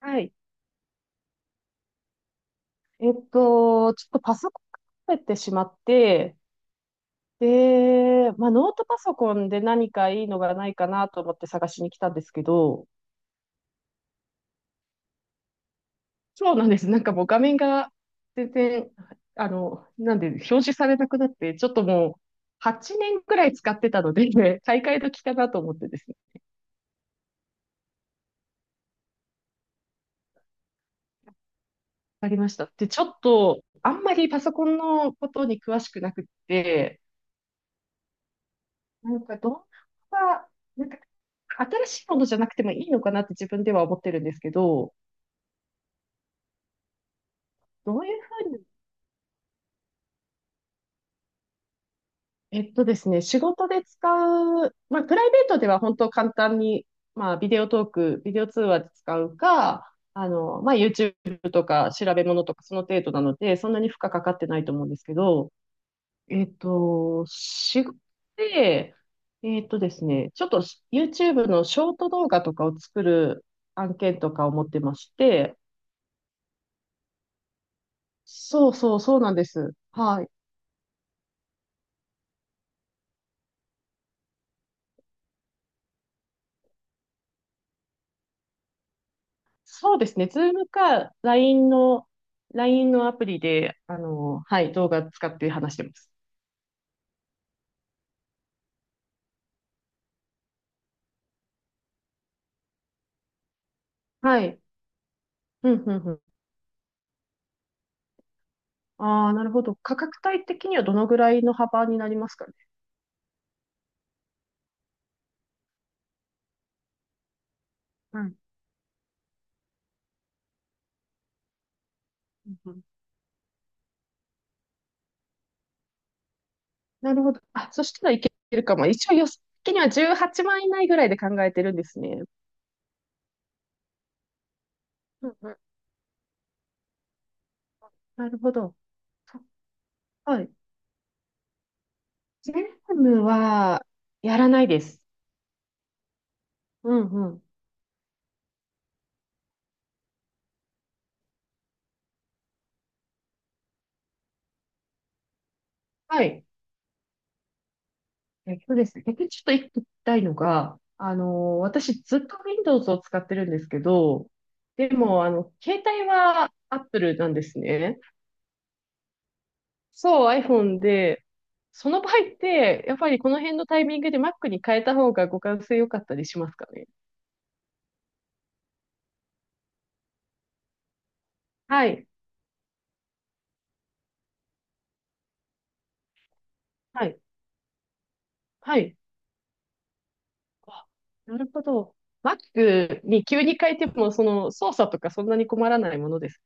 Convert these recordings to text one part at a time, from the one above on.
はい。ちょっとパソコンを壊ってしまって、で、ノートパソコンで何かいいのがないかなと思って探しに来たんですけど、そうなんです。なんかもう画面が全然、なんで、表示されなくなって、ちょっともう8年くらい使ってたので、買い替え時かなと思ってですね。わかりました。で、ちょっと、あんまりパソコンのことに詳しくなくって、なんか動画は、なんか新しいものじゃなくてもいいのかなって自分では思ってるんですけど、どういうふうに、えっとですね、仕事で使う、プライベートでは本当簡単に、ビデオトーク、ビデオ通話で使うか、YouTube とか調べ物とかその程度なので、そんなに負荷かかってないと思うんですけど、仕事で、えっとですね、ちょっと YouTube のショート動画とかを作る案件とかを持ってまして、そうそう、そうなんです。はい。そうですね。ズームか、LINE のアプリで、はい、動画使って話してます。はい。うん、うん、うん。ああ、なるほど。価格帯的にはどのぐらいの幅になりますかね？はい。うん、うん、なるほど。あ、そしたらいけるかも。一応予算的には18万以内ぐらいで考えてるんですね。うん、うん。なるほど。そはい。ジェームはやらないです。うん、うん。はい。えっとですね、逆にちょっと一個聞きたいのが、私ずっと Windows を使ってるんですけど、でも、携帯は Apple なんですね。そう、iPhone で、その場合って、やっぱりこの辺のタイミングで Mac に変えた方が互換性良かったりしますかね？はい、はい、はい。あ、なるほど。Mac に急に変えても、その操作とかそんなに困らないものです。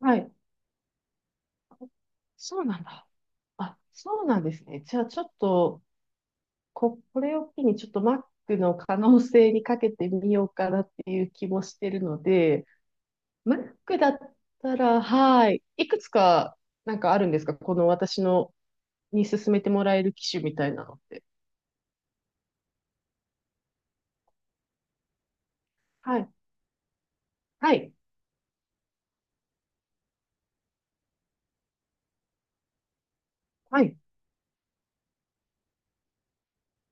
はい。そうなんだ。あ、そうなんですね。じゃあちょっと、これを機にちょっと Mac の可能性にかけてみようかなっていう気もしてるので、Mac だったら、はい、いくつかなんかあるんですかこの私のに勧めてもらえる機種みたいなのって？はい、はい、はい、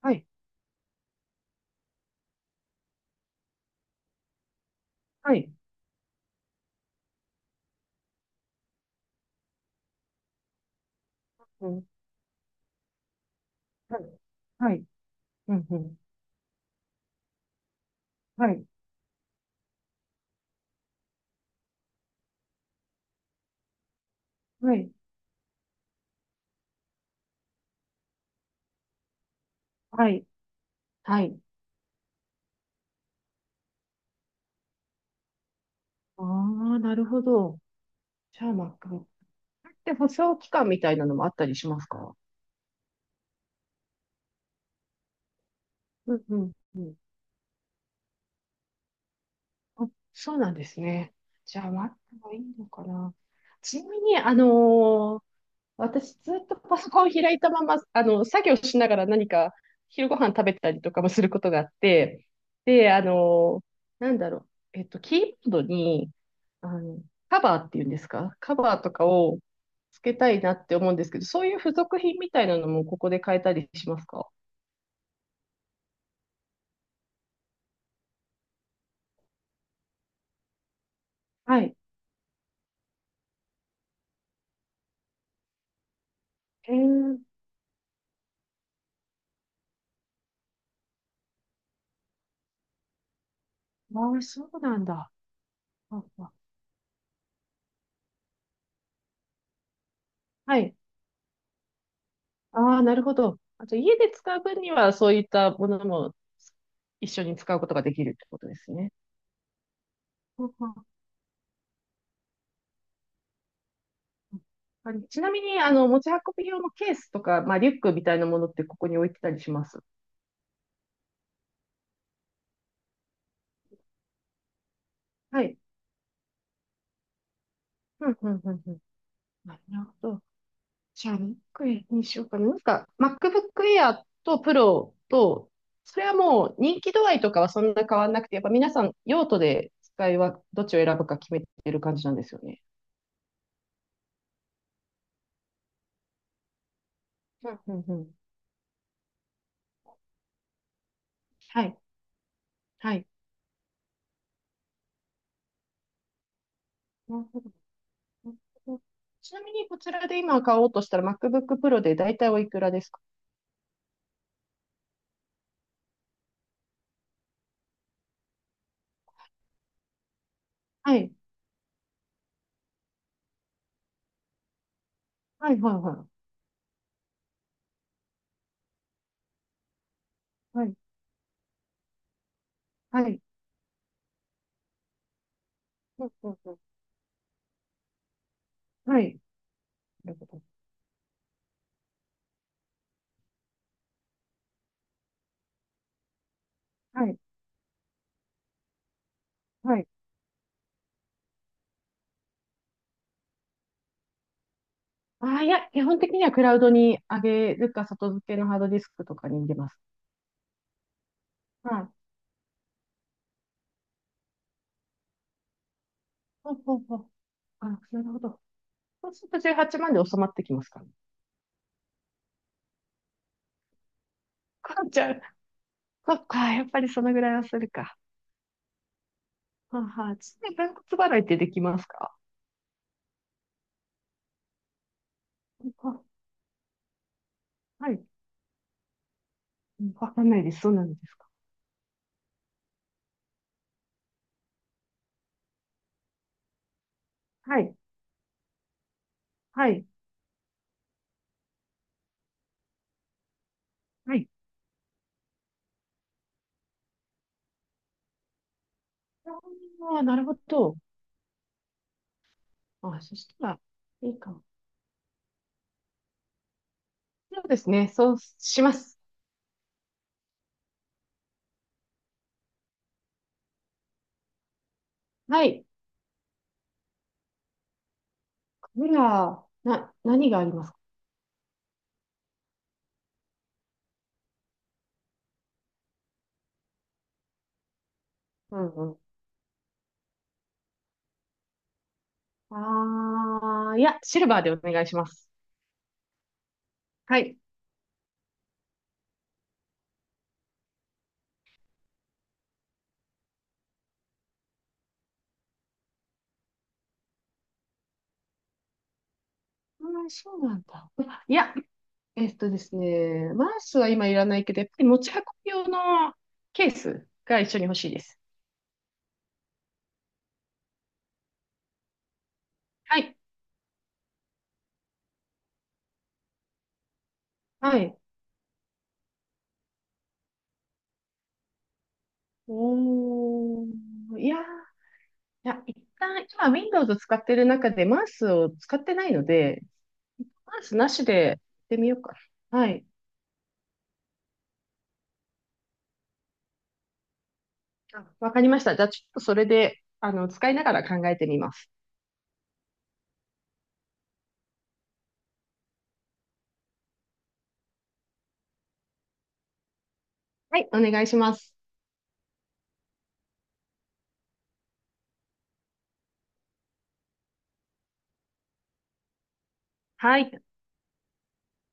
はい、はい、うん、はい、はい、うん、うん、はい、はい、はい、はい。ああ、なるほど。じゃあ Mac。で、保証期間みたいなのもあったりしますか？うん、うん、うん。あ、そうなんですね。じゃあ、待った方がいいのかな。ちなみに、私ずっとパソコン開いたまま、作業しながら何か昼ご飯食べたりとかもすることがあって、で、なんだろう、キーボードに、あの、カバーっていうんですか、カバーとかをつけたいなって思うんですけど、そういう付属品みたいなのもここで買えたりしますか？はい。えー、ああ、そうなんだ。ああ、はい。ああ、なるほど。あと、家で使う分には、そういったものも一緒に使うことができるってことですね。ほうほうほう。あれ、ちなみに、持ち運び用のケースとか、リュックみたいなものってここに置いてたりします。はい。うん、うん、うん、うん。なるほど。じゃあ、MacBook にしようかな。なんか、MacBook Air と Pro と、それはもう人気度合いとかはそんな変わんなくて、やっぱ皆さん用途で使いはどっちを選ぶか決めてる感じなんですよね。うん、うん、うん。はい。はい。なるほど、なるほど。ちなみにこちらで今買おうとしたら MacBook Pro で大体おいくらですか？はい。はい、はい、はい。はい、はい。うん、うん、うん。はい。なるほど。はい、はい。ああ、いや、基本的にはクラウドに上げるか、外付けのハードディスクとかに入れます。はい。ほうほうほう。あ、なるほど。そうすると18万で収まってきますかね？かんちゃん。そっか、やっぱりそのぐらいはするか。はあ、はあ、ちなみに分割払いってできますか？は、はい。わかんないです。そうなんですか？はい。はい。はい。ああ、なるほど。あ、そしたら、いいかも。そうですね。そうします。はい。カメラ、何がありますか？うん、うん。ああ、いや、シルバーでお願いします。はい。ああ、そうなんだ。いや、えっとですね、マウスは今いらないけど、やっぱり持ち運び用のケースが一緒に欲しいです。はい。はい。おー、いやー、いや、一旦、今 Windows を使ってる中でマウスを使ってないので、パンツなしでやってみようかな。はい。あ、わかりました。じゃあ、ちょっとそれで、使いながら考えてみます。はい、お願いします。はい。